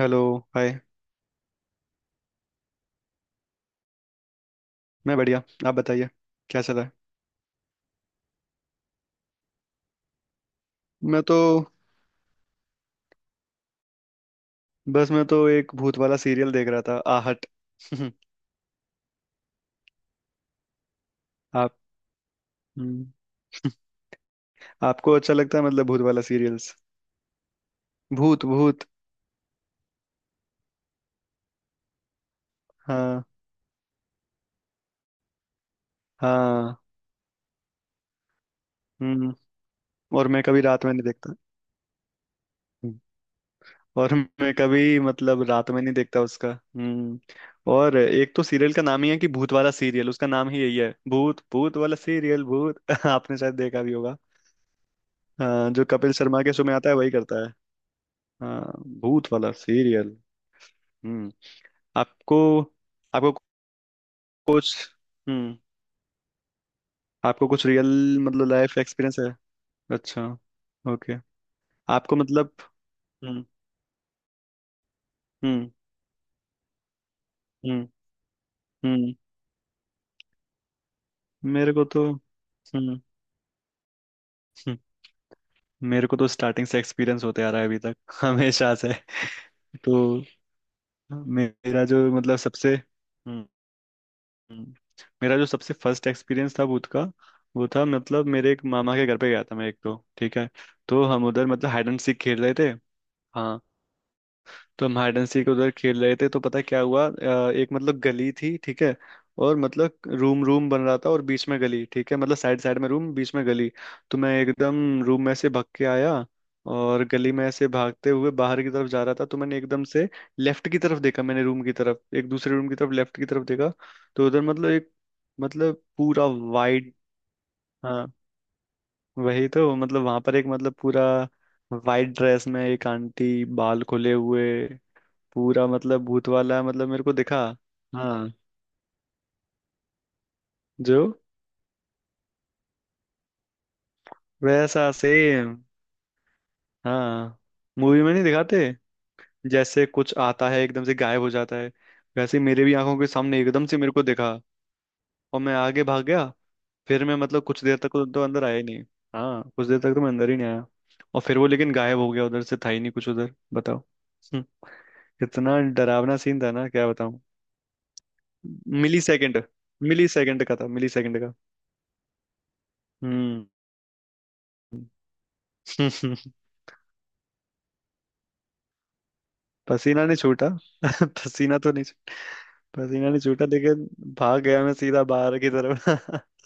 Hello. Hi. मैं बढ़िया। आप बताइए। क्या चला है। मैं तो बस मैं तो एक भूत वाला सीरियल देख रहा था, आहट। आप। हम्म, आपको अच्छा लगता है, मतलब भूत वाला सीरियल्स। भूत भूत। हाँ। हाँ। हम्म। और मैं कभी रात में नहीं देखता। हम्म, और मैं कभी मतलब रात में नहीं देखता उसका। और एक तो सीरियल का नाम ही है कि भूत वाला सीरियल, उसका नाम ही यही है, भूत, भूत वाला सीरियल, भूत। आपने शायद देखा भी होगा। हाँ, जो कपिल शर्मा के शो में आता है वही करता है। हाँ, भूत वाला सीरियल। हम्म। आपको। आपको कुछ। हम्म। आपको कुछ रियल मतलब लाइफ एक्सपीरियंस है? अच्छा। ओके। आपको मतलब। हम्म। हम्म। हम्म। हम्म। मेरे को तो। हम्म। हम्म, मेरे को तो स्टार्टिंग से एक्सपीरियंस होते आ रहा है अभी तक हमेशा से। तो मेरा जो, मतलब, सबसे। हम्म। हम्म, मेरा जो सबसे फर्स्ट एक्सपीरियंस था भूत का, वो था मतलब, मेरे एक मामा के घर पे गया था मैं एक, तो ठीक है। तो हम उधर मतलब हाइड एंड सीक खेल रहे थे। हाँ। तो हम हाइड एंड सीक उधर खेल रहे थे, तो पता है क्या हुआ, एक मतलब गली थी, ठीक है। और मतलब रूम रूम बन रहा था और बीच में गली, ठीक है, मतलब साइड साइड में रूम, बीच में गली। तो मैं एकदम रूम में से भाग के आया, और गली में ऐसे भागते हुए बाहर की तरफ जा रहा था, तो मैंने एकदम से लेफ्ट की तरफ देखा, मैंने रूम की तरफ, एक दूसरे रूम की तरफ, लेफ्ट की तरफ देखा। तो उधर मतलब एक, मतलब पूरा वाइड। हाँ। वही तो, मतलब वहां पर एक, मतलब पूरा वाइट ड्रेस में एक आंटी, बाल खुले हुए, पूरा मतलब भूत वाला, मतलब मेरे को दिखा। हाँ। जो, वैसा सेम। हाँ, मूवी में नहीं दिखाते, जैसे कुछ आता है एकदम से गायब हो जाता है, वैसे ही मेरे भी आंखों के सामने एकदम से मेरे को दिखा। और मैं आगे भाग गया। फिर मैं मतलब कुछ देर तक तो अंदर आया ही नहीं। हाँ, कुछ देर तक तो मैं अंदर ही नहीं आया। और फिर वो लेकिन गायब हो गया, उधर से था ही नहीं कुछ उधर, बताओ। हम्म, इतना डरावना सीन था ना, क्या बताऊं। Millisecond. मिली सेकेंड का था, मिली सेकेंड का। हम्म। पसीना नहीं छूटा। पसीना तो नहीं छूटा। पसीना नहीं छूटा लेकिन, भाग गया मैं सीधा बाहर की तरफ।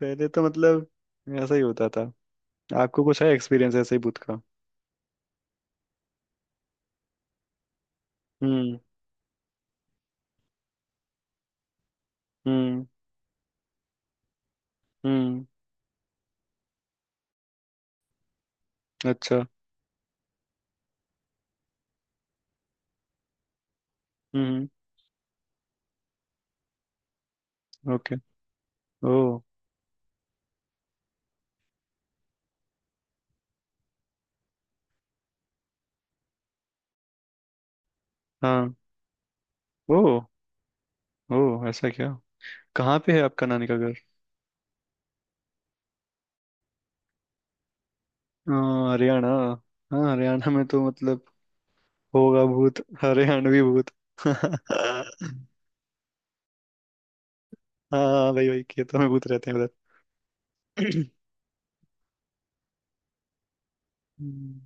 पहले तो मतलब, ऐसा ही होता था। आपको कुछ है एक्सपीरियंस ऐसे ही भूत का? हम्म। हम्म। हम्म। अच्छा। हम्म। ओके। ओ। हाँ। ओ। ओ, ऐसा क्या? कहाँ पे है आपका नानी का घर? अ, हरियाणा। हाँ, हरियाणा में तो मतलब होगा भूत, हरियाणवी भूत। हाँ, भाई भाई, खेतों में भूत रहते हैं उधर। हम्म।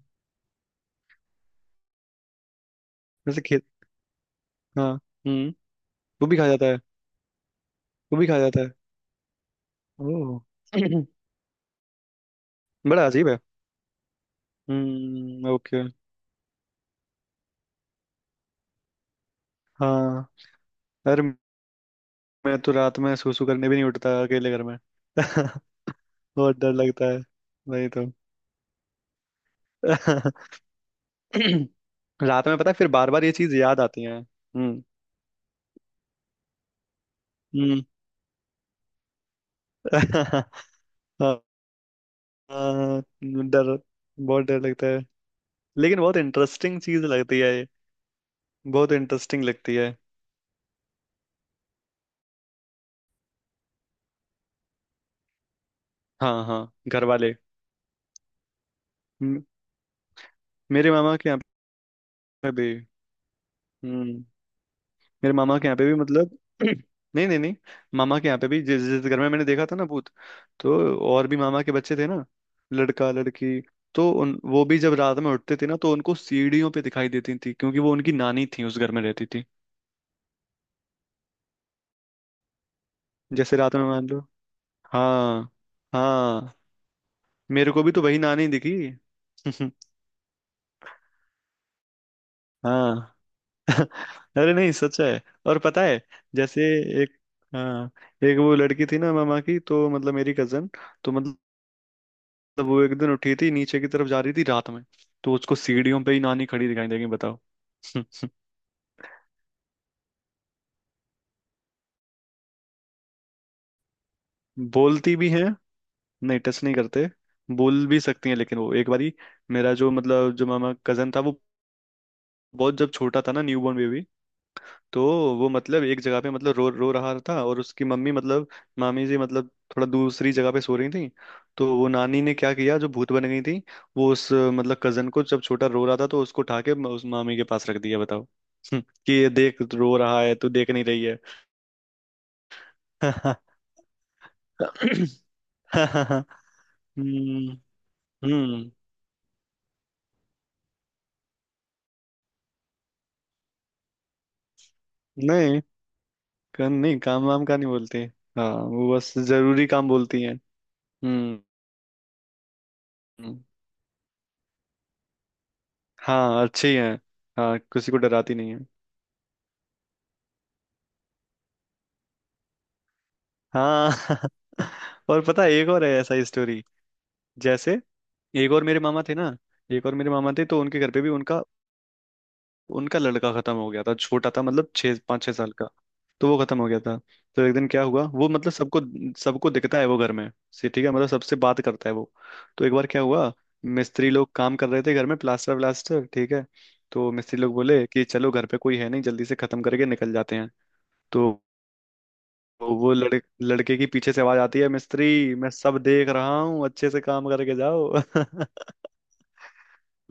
वैसे, हाँ। हम्म। वो भी खा जाता है। वो भी खा जाता है। ओह। बड़ा अजीब है। हम्म। ओके। हाँ। अरे। मैं तो रात में सूसू करने भी नहीं उठता अकेले घर में, बहुत डर लगता है। वही तो। रात में पता है फिर बार बार ये चीज याद आती है, हम्म। हम्म। हाँ। हाँ। डर। बहुत डर लगता है। लेकिन बहुत इंटरेस्टिंग चीज लगती है ये। बहुत इंटरेस्टिंग लगती है। हाँ हाँ, घर वाले। म- मेरे मामा के यहाँ पे भी। हम्म। मेरे मामा के यहाँ पे भी मतलब नहीं नहीं नहीं, मामा के यहाँ पे भी जिस जिस घर में मैंने देखा था ना भूत, तो और भी मामा के बच्चे थे ना, लड़का लड़की। तो उन वो भी जब रात में उठते थे ना तो उनको सीढ़ियों पे दिखाई देती थी, क्योंकि वो उनकी नानी थी, उस घर में रहती थी। जैसे रात में मान लो, हाँ, हाँ, मेरे को भी तो वही नानी दिखी। हाँ। अरे नहीं, सच है। और पता है, जैसे, एक, हाँ, एक वो लड़की थी ना मामा की, तो मतलब मेरी कजन, तो मतलब, वो एक दिन उठी थी, नीचे की तरफ जा रही थी रात में, तो उसको सीढ़ियों पे ही नानी खड़ी दिखाई देगी, बताओ। बोलती भी हैं। नहीं, टच नहीं करते। बोल भी सकती हैं, लेकिन वो एक बारी, मेरा जो मतलब, जो मामा कजन था वो, बहुत जब छोटा था ना, न्यू बॉर्न बेबी। तो वो मतलब एक जगह पे मतलब रो रो रहा था, और उसकी मम्मी मतलब मामी जी मतलब थोड़ा दूसरी जगह पे सो रही थी। तो वो नानी ने क्या किया, जो भूत बन गई थी, वो उस मतलब कजन को, जब छोटा रो रहा था, तो उसको उठा के उस मामी के पास रख दिया, बताओ। कि ये देख रो रहा है, तू देख नहीं रही है। हम्म। हम्म। नहीं। नहीं, काम वाम का नहीं बोलती। हाँ, वो बस जरूरी काम बोलती हैं। हम्म। हम्म, हाँ, अच्छी है। हाँ, किसी को डराती नहीं है। हाँ। और पता है, एक और है ऐसा ही स्टोरी, जैसे, एक और मेरे मामा थे ना, एक और मेरे मामा थे तो उनके घर पे भी, उनका उनका लड़का खत्म हो गया था, छोटा था मतलब छः पाँच छः साल का, तो वो खत्म हो गया था। तो एक दिन क्या हुआ, वो मतलब सबको सबको दिखता है वो, घर में से, ठीक है, मतलब सबसे बात करता है वो। तो एक बार क्या हुआ, मिस्त्री लोग काम कर रहे थे घर में, प्लास्टर व्लास्टर, ठीक है, तो मिस्त्री लोग बोले कि चलो घर पे कोई है नहीं, जल्दी से खत्म करके निकल जाते हैं। तो वो लड़के लड़के की पीछे से आवाज आती है, मिस्त्री मैं सब देख रहा हूँ, अच्छे से काम करके जाओ।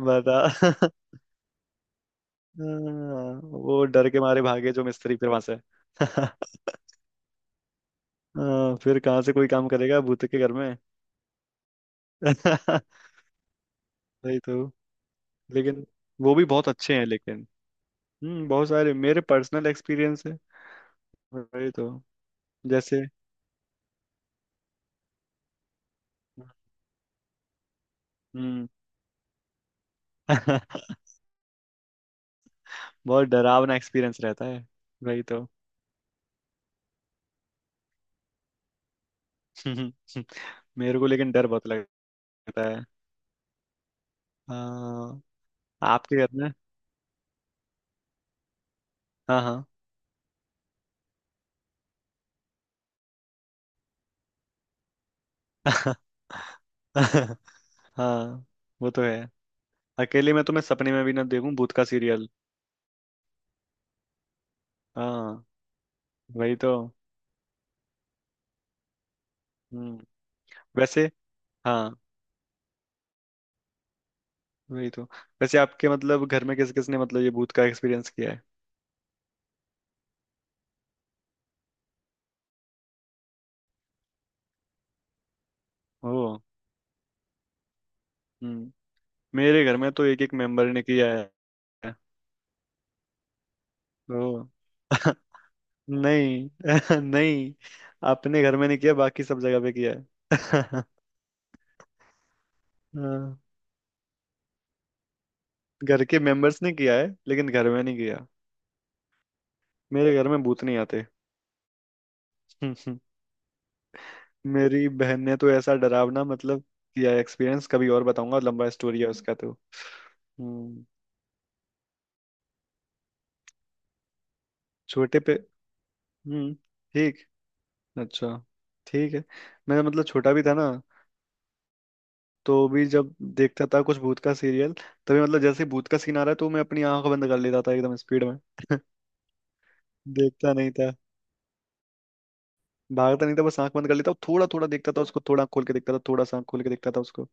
बता। हाँ, वो डर के मारे भागे जो मिस्त्री फिर वहां से। हाँ, फिर कहाँ से कोई काम करेगा भूत के घर में। वही तो। लेकिन वो भी बहुत अच्छे हैं, लेकिन, हम्म, बहुत सारे मेरे पर्सनल एक्सपीरियंस है। वही तो। जैसे। हम्म। बहुत डरावना एक्सपीरियंस रहता है। वही तो। मेरे को लेकिन डर बहुत लगता है। हाँ। आपके घर में? हाँ हाँ। हाँ, वो तो है। अकेले में तो मैं सपने में भी ना देखूं भूत का सीरियल। हाँ, वही तो। हम्म। वैसे, हाँ, वही तो। वैसे आपके मतलब घर में किस किसने मतलब ये भूत का एक्सपीरियंस किया है? ओ। हम्म। मेरे घर में तो एक एक मेंबर ने किया है। ओ। नहीं, नहीं, अपने घर में नहीं किया, बाकी सब जगह पे किया है। हाँ, घर के मेंबर्स ने किया है, लेकिन घर में नहीं किया। मेरे घर में भूत नहीं आते। हम्म, मेरी बहन ने तो ऐसा डरावना मतलब किया एक्सपीरियंस, कभी और बताऊंगा, लंबा स्टोरी है उसका, तो हम्म। छोटे पे। हम्म। ठीक। अच्छा। ठीक है। मैं मतलब छोटा भी था ना, तो भी जब देखता था कुछ भूत का सीरियल, तभी मतलब जैसे भूत का सीन आ रहा है तो मैं अपनी आंख बंद कर लेता था एकदम स्पीड में। देखता नहीं था। भागता नहीं था बस, आंख बंद कर लेता, और थोड़ा थोड़ा देखता था उसको, थोड़ा आँख खोल के देखता था, थोड़ा सा आँख खोल के देखता था उसको।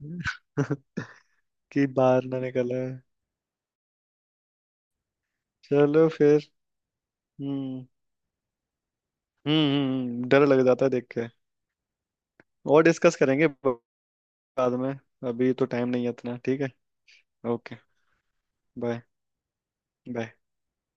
कि बाहर ना निकल आए। चलो फिर। हम्म। हम्म। डर लग जाता है देख के। और डिस्कस करेंगे बाद में, अभी तो टाइम नहीं है इतना, ठीक है। ओके। बाय। बाय।